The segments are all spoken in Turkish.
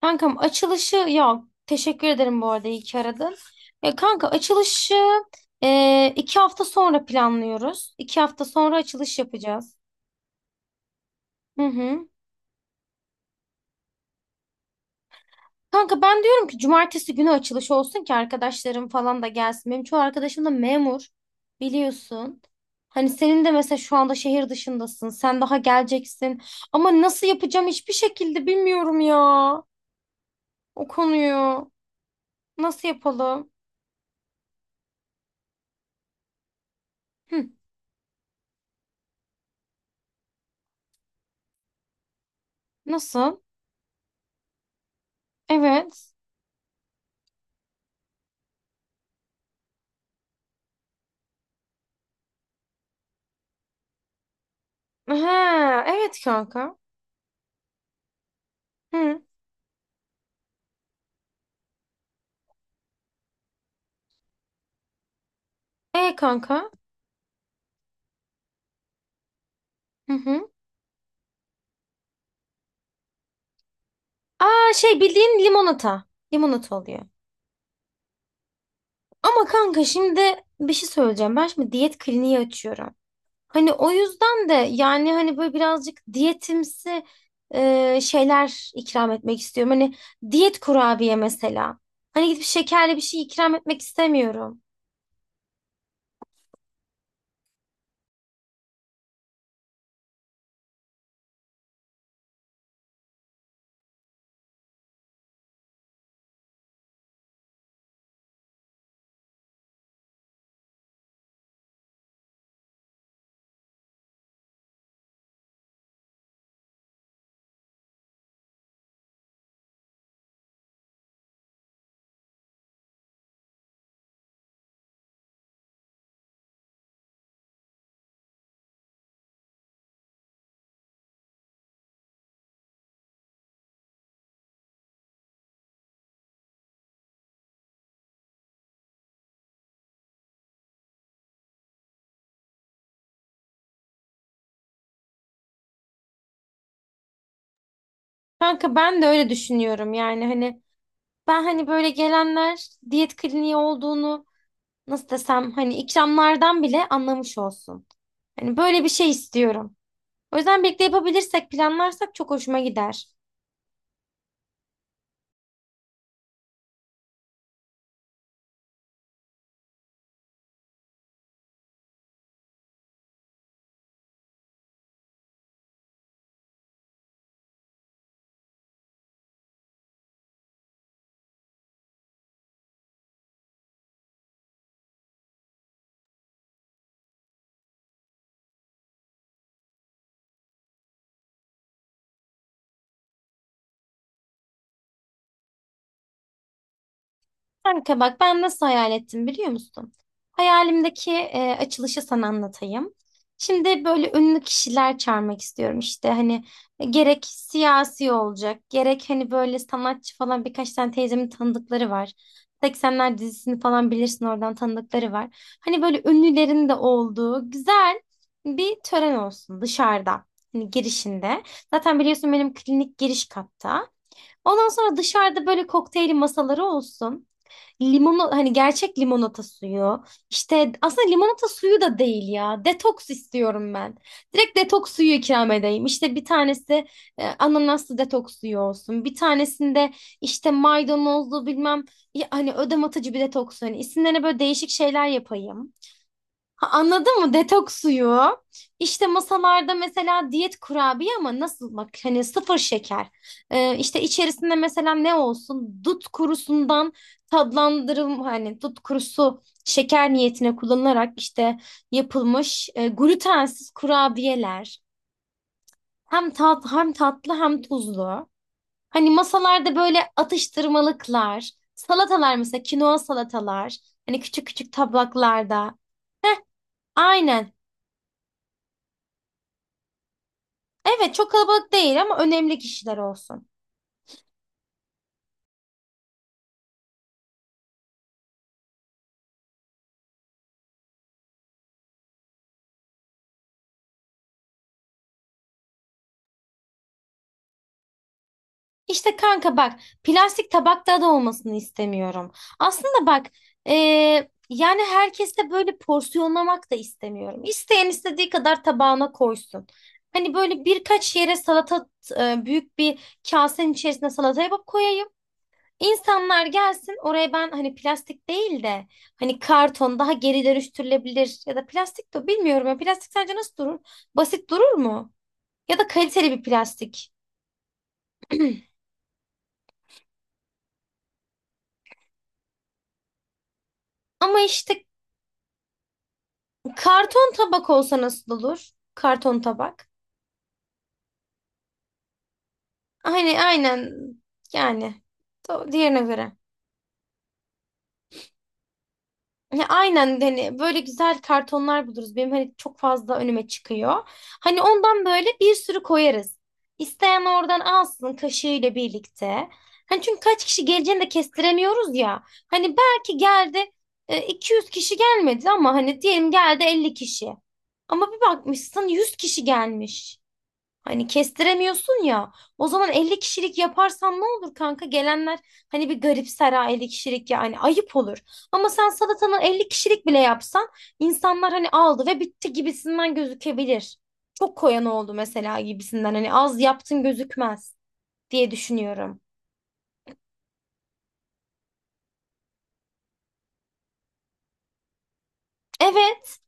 Kankam açılışı ya teşekkür ederim bu arada iyi ki aradın. Ya kanka açılışı iki hafta sonra planlıyoruz. İki hafta sonra açılış yapacağız. Hı hı. Kanka ben diyorum ki cumartesi günü açılış olsun ki arkadaşlarım falan da gelsin. Benim çoğu arkadaşım da memur biliyorsun. Hani senin de mesela şu anda şehir dışındasın. Sen daha geleceksin. Ama nasıl yapacağım hiçbir şekilde bilmiyorum ya. O konuyu nasıl yapalım? Hı, nasıl? Evet. Ha, evet kanka. Hı. E kanka. Hı hı. Aa, şey bildiğin limonata. Limonata oluyor. Ama kanka şimdi bir şey söyleyeceğim. Ben şimdi diyet kliniği açıyorum. Hani o yüzden de yani hani böyle birazcık diyetimsi şeyler ikram etmek istiyorum. Hani diyet kurabiye mesela. Hani gidip şekerli bir şey ikram etmek istemiyorum. Kanka ben de öyle düşünüyorum yani hani ben hani böyle gelenler diyet kliniği olduğunu nasıl desem hani ikramlardan bile anlamış olsun. Hani böyle bir şey istiyorum. O yüzden birlikte yapabilirsek, planlarsak çok hoşuma gider. Kanka bak ben nasıl hayal ettim biliyor musun? Hayalimdeki açılışı sana anlatayım. Şimdi böyle ünlü kişiler çağırmak istiyorum işte hani gerek siyasi olacak gerek hani böyle sanatçı falan birkaç tane teyzemin tanıdıkları var. 80'ler dizisini falan bilirsin oradan tanıdıkları var. Hani böyle ünlülerin de olduğu güzel bir tören olsun dışarıda hani girişinde. Zaten biliyorsun benim klinik giriş katta. Ondan sonra dışarıda böyle kokteyl masaları olsun. Limonu hani gerçek limonata suyu. İşte aslında limonata suyu da değil ya. Detoks istiyorum ben. Direkt detoks suyu ikram edeyim. İşte bir tanesi ananaslı detoks suyu olsun. Bir tanesinde işte maydanozlu bilmem ya hani ödem atıcı bir detoks suyu. Hani isimlerine böyle değişik şeyler yapayım. Ha, anladın mı? Detoks suyu. İşte masalarda mesela diyet kurabiye ama nasıl bak hani sıfır şeker. İşte içerisinde mesela ne olsun? Dut kurusundan tatlandırım hani dut kurusu şeker niyetine kullanılarak işte yapılmış glutensiz kurabiyeler. Hem tat hem tatlı hem tuzlu. Hani masalarda böyle atıştırmalıklar, salatalar mesela kinoa salatalar. Hani küçük küçük tabaklarda. Aynen. Evet çok kalabalık değil ama önemli kişiler olsun. İşte kanka bak plastik tabakta da olmasını istemiyorum. Aslında bak e, yani herkese böyle porsiyonlamak da istemiyorum. İsteyen istediği kadar tabağına koysun. Hani böyle birkaç yere salata büyük bir kasenin içerisine salata yapıp koyayım. İnsanlar gelsin oraya, ben hani plastik değil de hani karton daha geri dönüştürülebilir ya da plastik de bilmiyorum ya, plastik sence nasıl durur? Basit durur mu? Ya da kaliteli bir plastik. Ama işte karton tabak olsa nasıl olur? Karton tabak. Hani aynen yani. Diğerine göre. Ya, aynen hani böyle güzel kartonlar buluruz. Benim hani çok fazla önüme çıkıyor. Hani ondan böyle bir sürü koyarız. İsteyen oradan alsın kaşığıyla birlikte. Hani çünkü kaç kişi geleceğini de kestiremiyoruz ya. Hani belki geldi 200 kişi gelmedi ama hani diyelim geldi 50 kişi. Ama bir bakmışsın 100 kişi gelmiş. Hani kestiremiyorsun ya. O zaman 50 kişilik yaparsan ne olur kanka? Gelenler hani bir garipser ha, 50 kişilik ya hani ayıp olur. Ama sen salatanı 50 kişilik bile yapsan insanlar hani aldı ve bitti gibisinden gözükebilir. Çok koyan oldu mesela gibisinden hani az yaptın gözükmez diye düşünüyorum. Evet,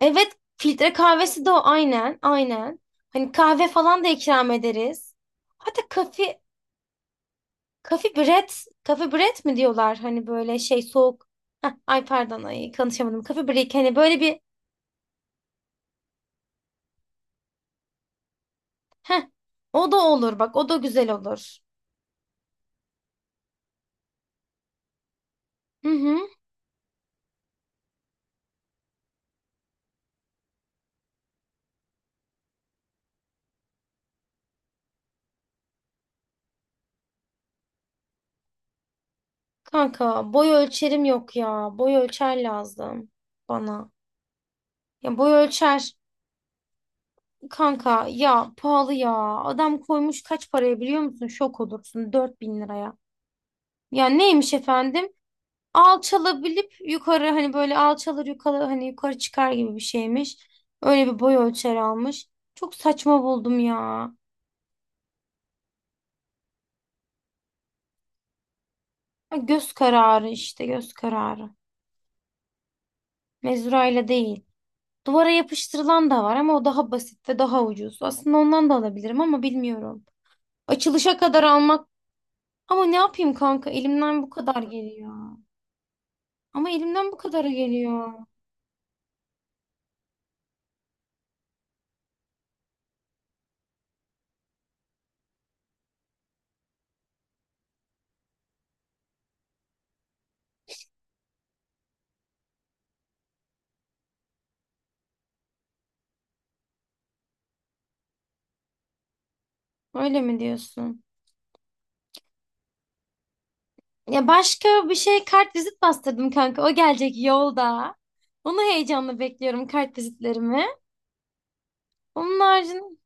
evet filtre kahvesi de o aynen, aynen. Hani kahve falan da ikram ederiz. Hatta kafe, Kafi Bread, Kafi Bread mi diyorlar hani böyle şey soğuk. Heh, ay pardon ay konuşamadım. Kafi Break hani böyle bir heh, o da olur bak, o da güzel olur. Hı hı. Kanka boy ölçerim yok ya. Boy ölçer lazım bana. Ya boy ölçer kanka ya pahalı ya. Adam koymuş kaç paraya biliyor musun? Şok olursun, 4.000 liraya. Ya neymiş efendim? Alçalabilip yukarı hani böyle alçalır yukarı hani yukarı çıkar gibi bir şeymiş. Öyle bir boy ölçer almış. Çok saçma buldum ya. Ha, göz kararı işte, göz kararı. Mezurayla değil. Duvara yapıştırılan da var ama o daha basit ve daha ucuz. Aslında ondan da alabilirim ama bilmiyorum. Açılışa kadar almak ama ne yapayım kanka, elimden bu kadar geliyor. Ama elimden bu kadar geliyor. Öyle mi diyorsun? Ya başka bir şey, kart vizit bastırdım kanka. O gelecek yolda. Onu heyecanla bekliyorum, kart vizitlerimi. Onun haricinde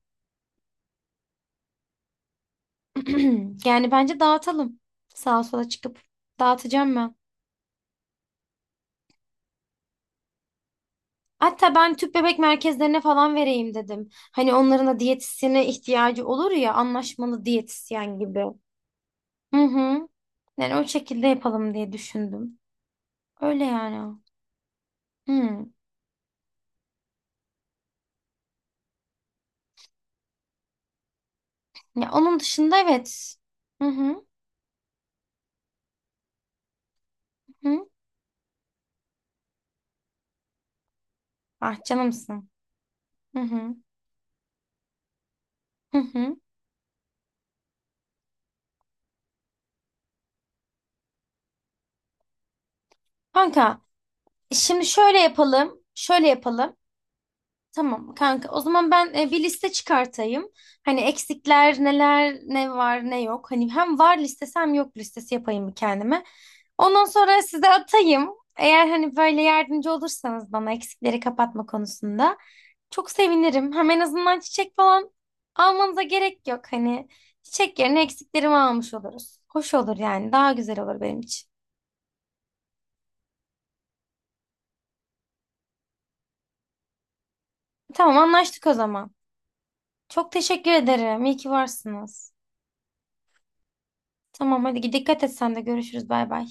yani bence dağıtalım. Sağa sola çıkıp dağıtacağım ben. Hatta ben tüp bebek merkezlerine falan vereyim dedim. Hani onların da diyetisyene ihtiyacı olur ya, anlaşmalı diyetisyen gibi. Hı hı. Yani o şekilde yapalım diye düşündüm. Öyle yani. Hı. Ya onun dışında evet. Hı hı. Hı. Ah canımsın. Hı hı. Hı hı. Kanka, şimdi şöyle yapalım, şöyle yapalım. Tamam kanka. O zaman ben bir liste çıkartayım. Hani eksikler neler, ne var, ne yok. Hani hem var listesi hem yok listesi yapayım bir kendime. Ondan sonra size atayım. Eğer hani böyle yardımcı olursanız bana eksikleri kapatma konusunda çok sevinirim. Hem en azından çiçek falan almanıza gerek yok. Hani çiçek yerine eksiklerimi almış oluruz. Hoş olur yani. Daha güzel olur benim için. Tamam anlaştık o zaman. Çok teşekkür ederim. İyi ki varsınız. Tamam hadi dikkat et sen de, görüşürüz. Bay bay.